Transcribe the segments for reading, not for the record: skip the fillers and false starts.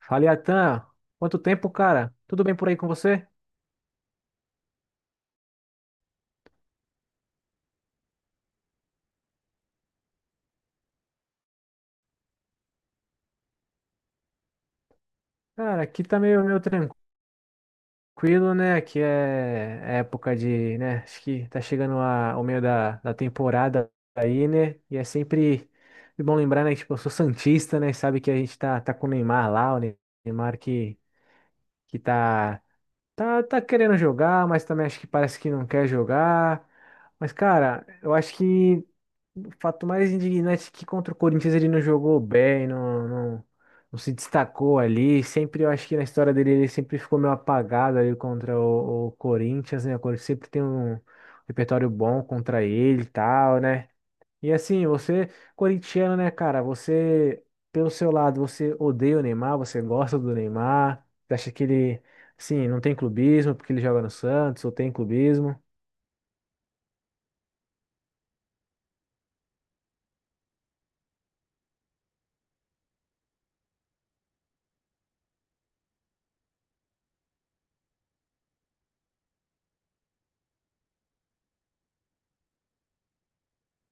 Fala, Atan. Quanto tempo, cara? Tudo bem por aí com você? Cara, aqui tá meio tranquilo, né? Aqui é época de, né? Acho que tá chegando ao meio da temporada aí, né? E é sempre bom lembrar, né? Tipo, eu sou santista, né? Sabe que a gente tá com o Neymar lá, o Neymar que tá querendo jogar, mas também acho que parece que não quer jogar. Mas, cara, eu acho que o fato mais indignante é que contra o Corinthians ele não jogou bem, não se destacou ali. Sempre, eu acho que na história dele ele sempre ficou meio apagado ali contra o Corinthians, né? O Corinthians sempre tem um repertório bom contra ele e tal, né? E assim, você, corintiano, né, cara? Você, pelo seu lado, você odeia o Neymar, você gosta do Neymar, você acha que ele, assim, não tem clubismo porque ele joga no Santos, ou tem clubismo?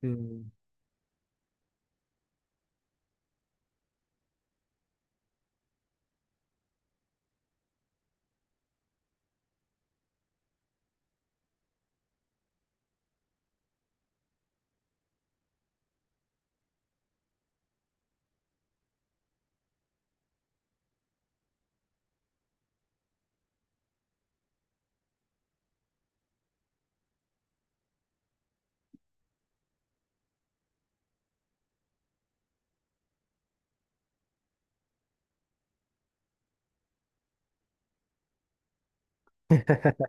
Sim.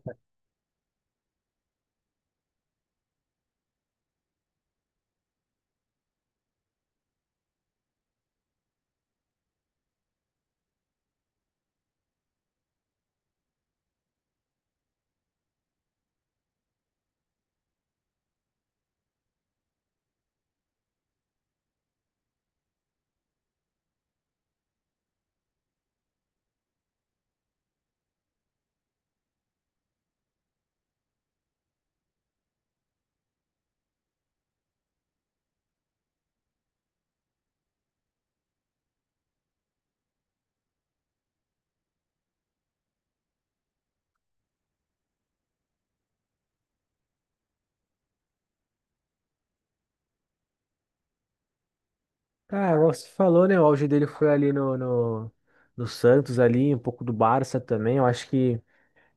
Cara, igual você falou, né? O auge dele foi ali no Santos, ali, um pouco do Barça também. Eu acho que,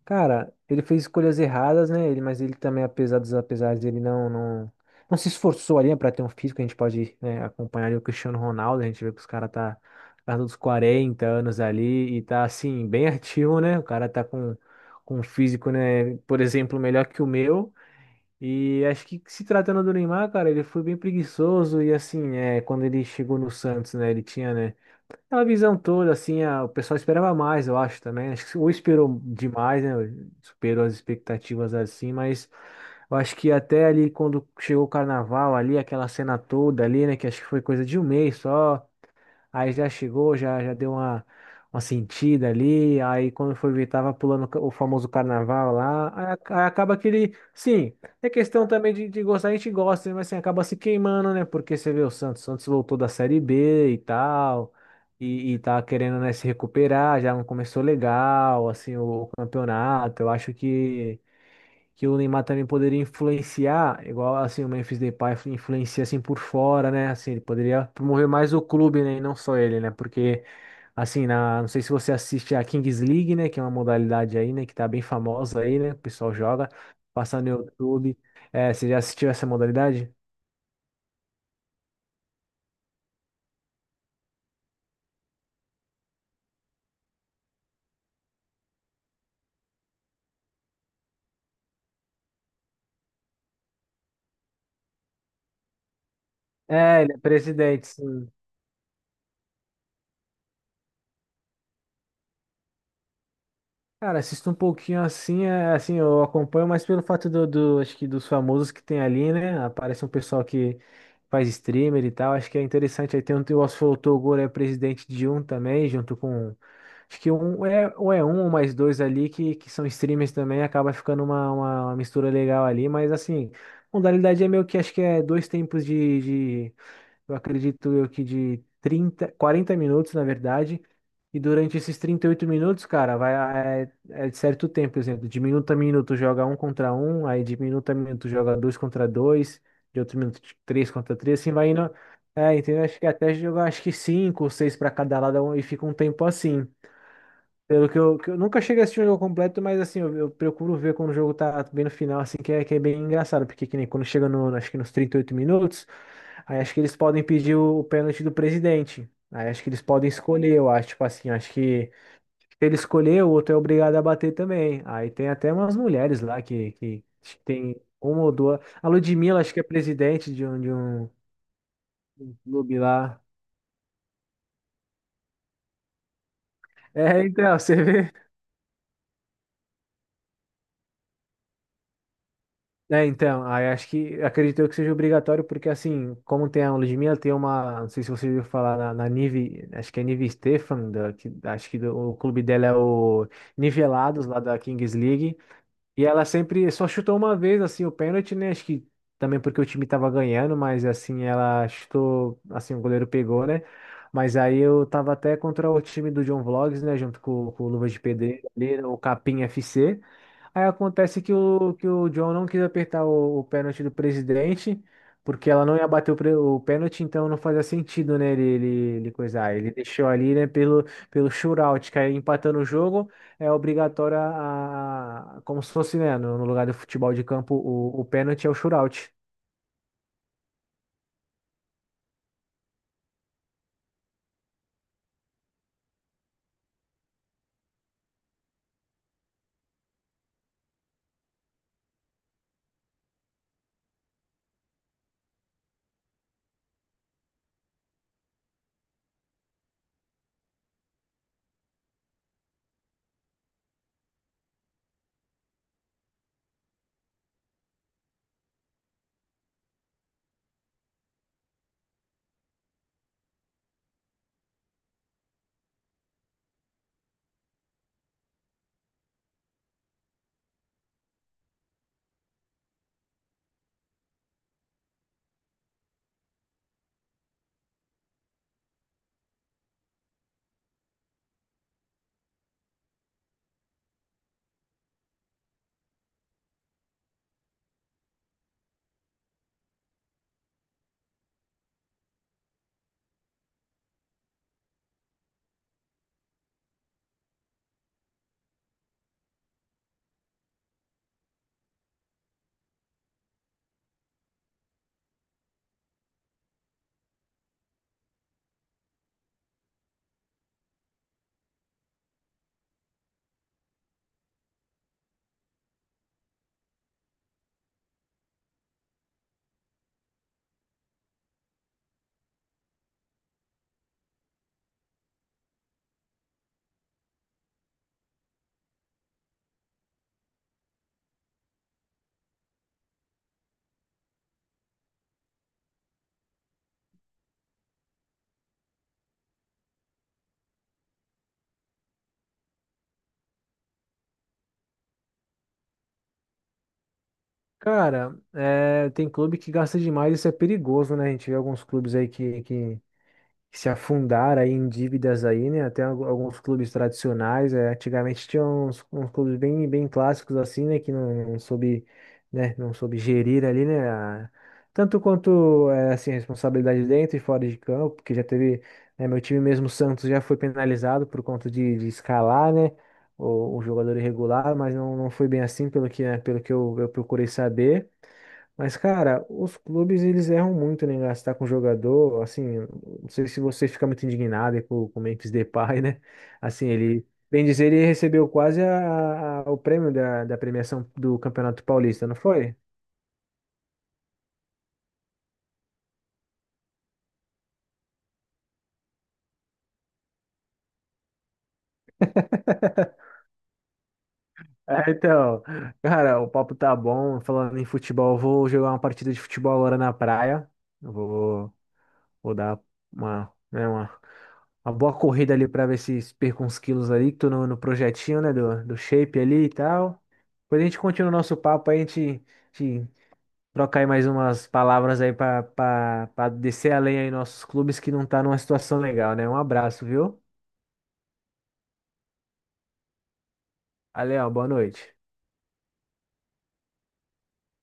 cara, ele fez escolhas erradas, né? Ele, mas ele também, apesar dos apesares dele, não se esforçou ali, né, pra ter um físico. A gente pode, né, acompanhar ali o Cristiano Ronaldo. A gente vê que os caras tá perto dos 40 anos ali e tá, assim, bem ativo, né? O cara tá com um físico, né? Por exemplo, melhor que o meu. E acho que se tratando do Neymar, cara, ele foi bem preguiçoso e assim, é, quando ele chegou no Santos, né, ele tinha, né, aquela visão toda, assim, a- o pessoal esperava mais, eu acho também, acho que ou esperou demais, né, superou as expectativas assim, mas eu acho que até ali quando chegou o Carnaval ali, aquela cena toda ali, né, que acho que foi coisa de um mês só. Aí já chegou, já deu uma sentida ali. Aí quando foi ver, tava pulando ca- o famoso carnaval lá. Aí, ac- aí acaba que ele. Sim, é questão também de gostar, a gente gosta, né? Mas assim, acaba se queimando, né? Porque você vê o Santos voltou da Série B e tal. E tá querendo, né, se recuperar, já não começou legal, assim, o campeonato. Eu acho que o Neymar também poderia influenciar, igual assim o Memphis Depay influencia assim por fora, né? Assim, ele poderia promover mais o clube, né? E não só ele, né? Porque assim, na, não sei se você assiste a Kings League, né? Que é uma modalidade aí, né? Que tá bem famosa aí, né? O pessoal joga, passa no YouTube. É, você já assistiu essa modalidade? É, ele é presidente, sim. Cara, assisto um pouquinho assim, é, assim, eu acompanho, mas pelo fato do, do- acho que dos famosos que tem ali, né? Aparece um pessoal que faz streamer e tal, acho que é interessante. Aí tem um, o Oswaldo Toguro é presidente de um também, junto com, acho que um, é, ou é um ou mais dois ali que são streamers também, acaba ficando uma, uma mistura legal ali, mas assim, modalidade é meio que, acho que é dois tempos de eu acredito eu que de 30, 40 minutos, na verdade. E durante esses 38 minutos, cara, vai é, é de certo tempo, por exemplo, de minuto a minuto joga um contra um, aí de minuto a minuto joga dois contra dois, de outro minuto de três contra três, assim vai indo. É, entendeu? Acho que até jogar acho que cinco ou seis para cada lado e fica um tempo assim. Pelo que eu nunca cheguei a assistir um jogo completo, mas assim, eu procuro ver quando o jogo tá bem no final, assim, que é bem engraçado, porque que nem quando chega no, acho que nos 38 minutos, aí acho que eles podem pedir o pênalti do presidente. Aí acho que eles podem escolher, eu acho, tipo assim, acho que se ele escolher, o outro é obrigado a bater também. Aí tem até umas mulheres lá que acho que tem uma ou duas. A Ludmilla, acho que é presidente de um clube lá. É, então, você vê. É, então, aí acho que acredito eu que seja obrigatório, porque assim, como tem a aula de minha, tem uma, não sei se você ouviu falar na, na Nive, acho que é Nive Stefan, da, que, acho que do- o clube dela é o Nivelados, lá da Kings League, e ela sempre só chutou uma vez, assim, o pênalti, né, acho que também porque o time tava ganhando, mas assim, ela chutou, assim, o goleiro pegou, né, mas aí eu tava até contra o time do John Vlogs, né, junto com o Luva de Pedreiro, ali, né, o Capim FC. Aí acontece que o John não quis apertar o pênalti do presidente, porque ela não ia bater o, pre- o pênalti, então não fazia sentido, né, ele coisar. Ele deixou ali, né, pelo, pelo shootout, que aí empatando o jogo é obrigatório a- como se fosse, né, no, no lugar do futebol de campo, o pênalti é o shootout. Cara, é, tem clube que gasta demais, isso é perigoso, né? A gente vê alguns clubes aí que se afundaram aí em dívidas aí, né? Até algu- alguns clubes tradicionais, é, antigamente tinha uns, uns clubes bem, bem clássicos assim, né? Que não, não soube, né? Não soube gerir ali, né? A- tanto quanto é, assim, a responsabilidade dentro e fora de campo, porque já teve, né, meu time mesmo, o Santos, já foi penalizado por conta de escalar, né? O jogador irregular, mas não, não foi bem assim, pelo que, né? Pelo que eu procurei saber. Mas, cara, os clubes eles erram muito né, em gastar com jogador. Assim, não sei se você fica muito indignado aí com o Memphis Depay, né? Assim, ele, bem dizer, ele recebeu quase a- o prêmio da, da premiação do Campeonato Paulista, não foi? É, então, cara, o papo tá bom. Falando em futebol, eu vou jogar uma partida de futebol agora na praia. Eu vou, vou dar uma, né, uma boa corrida ali pra ver se perco uns quilos ali, que tô no, no projetinho, né, do, do shape ali e tal. Depois a gente continua o nosso papo, aí a gente troca aí mais umas palavras aí pra para descer além aí nossos clubes que não tá numa situação legal, né? Um abraço, viu? Valeu, boa noite.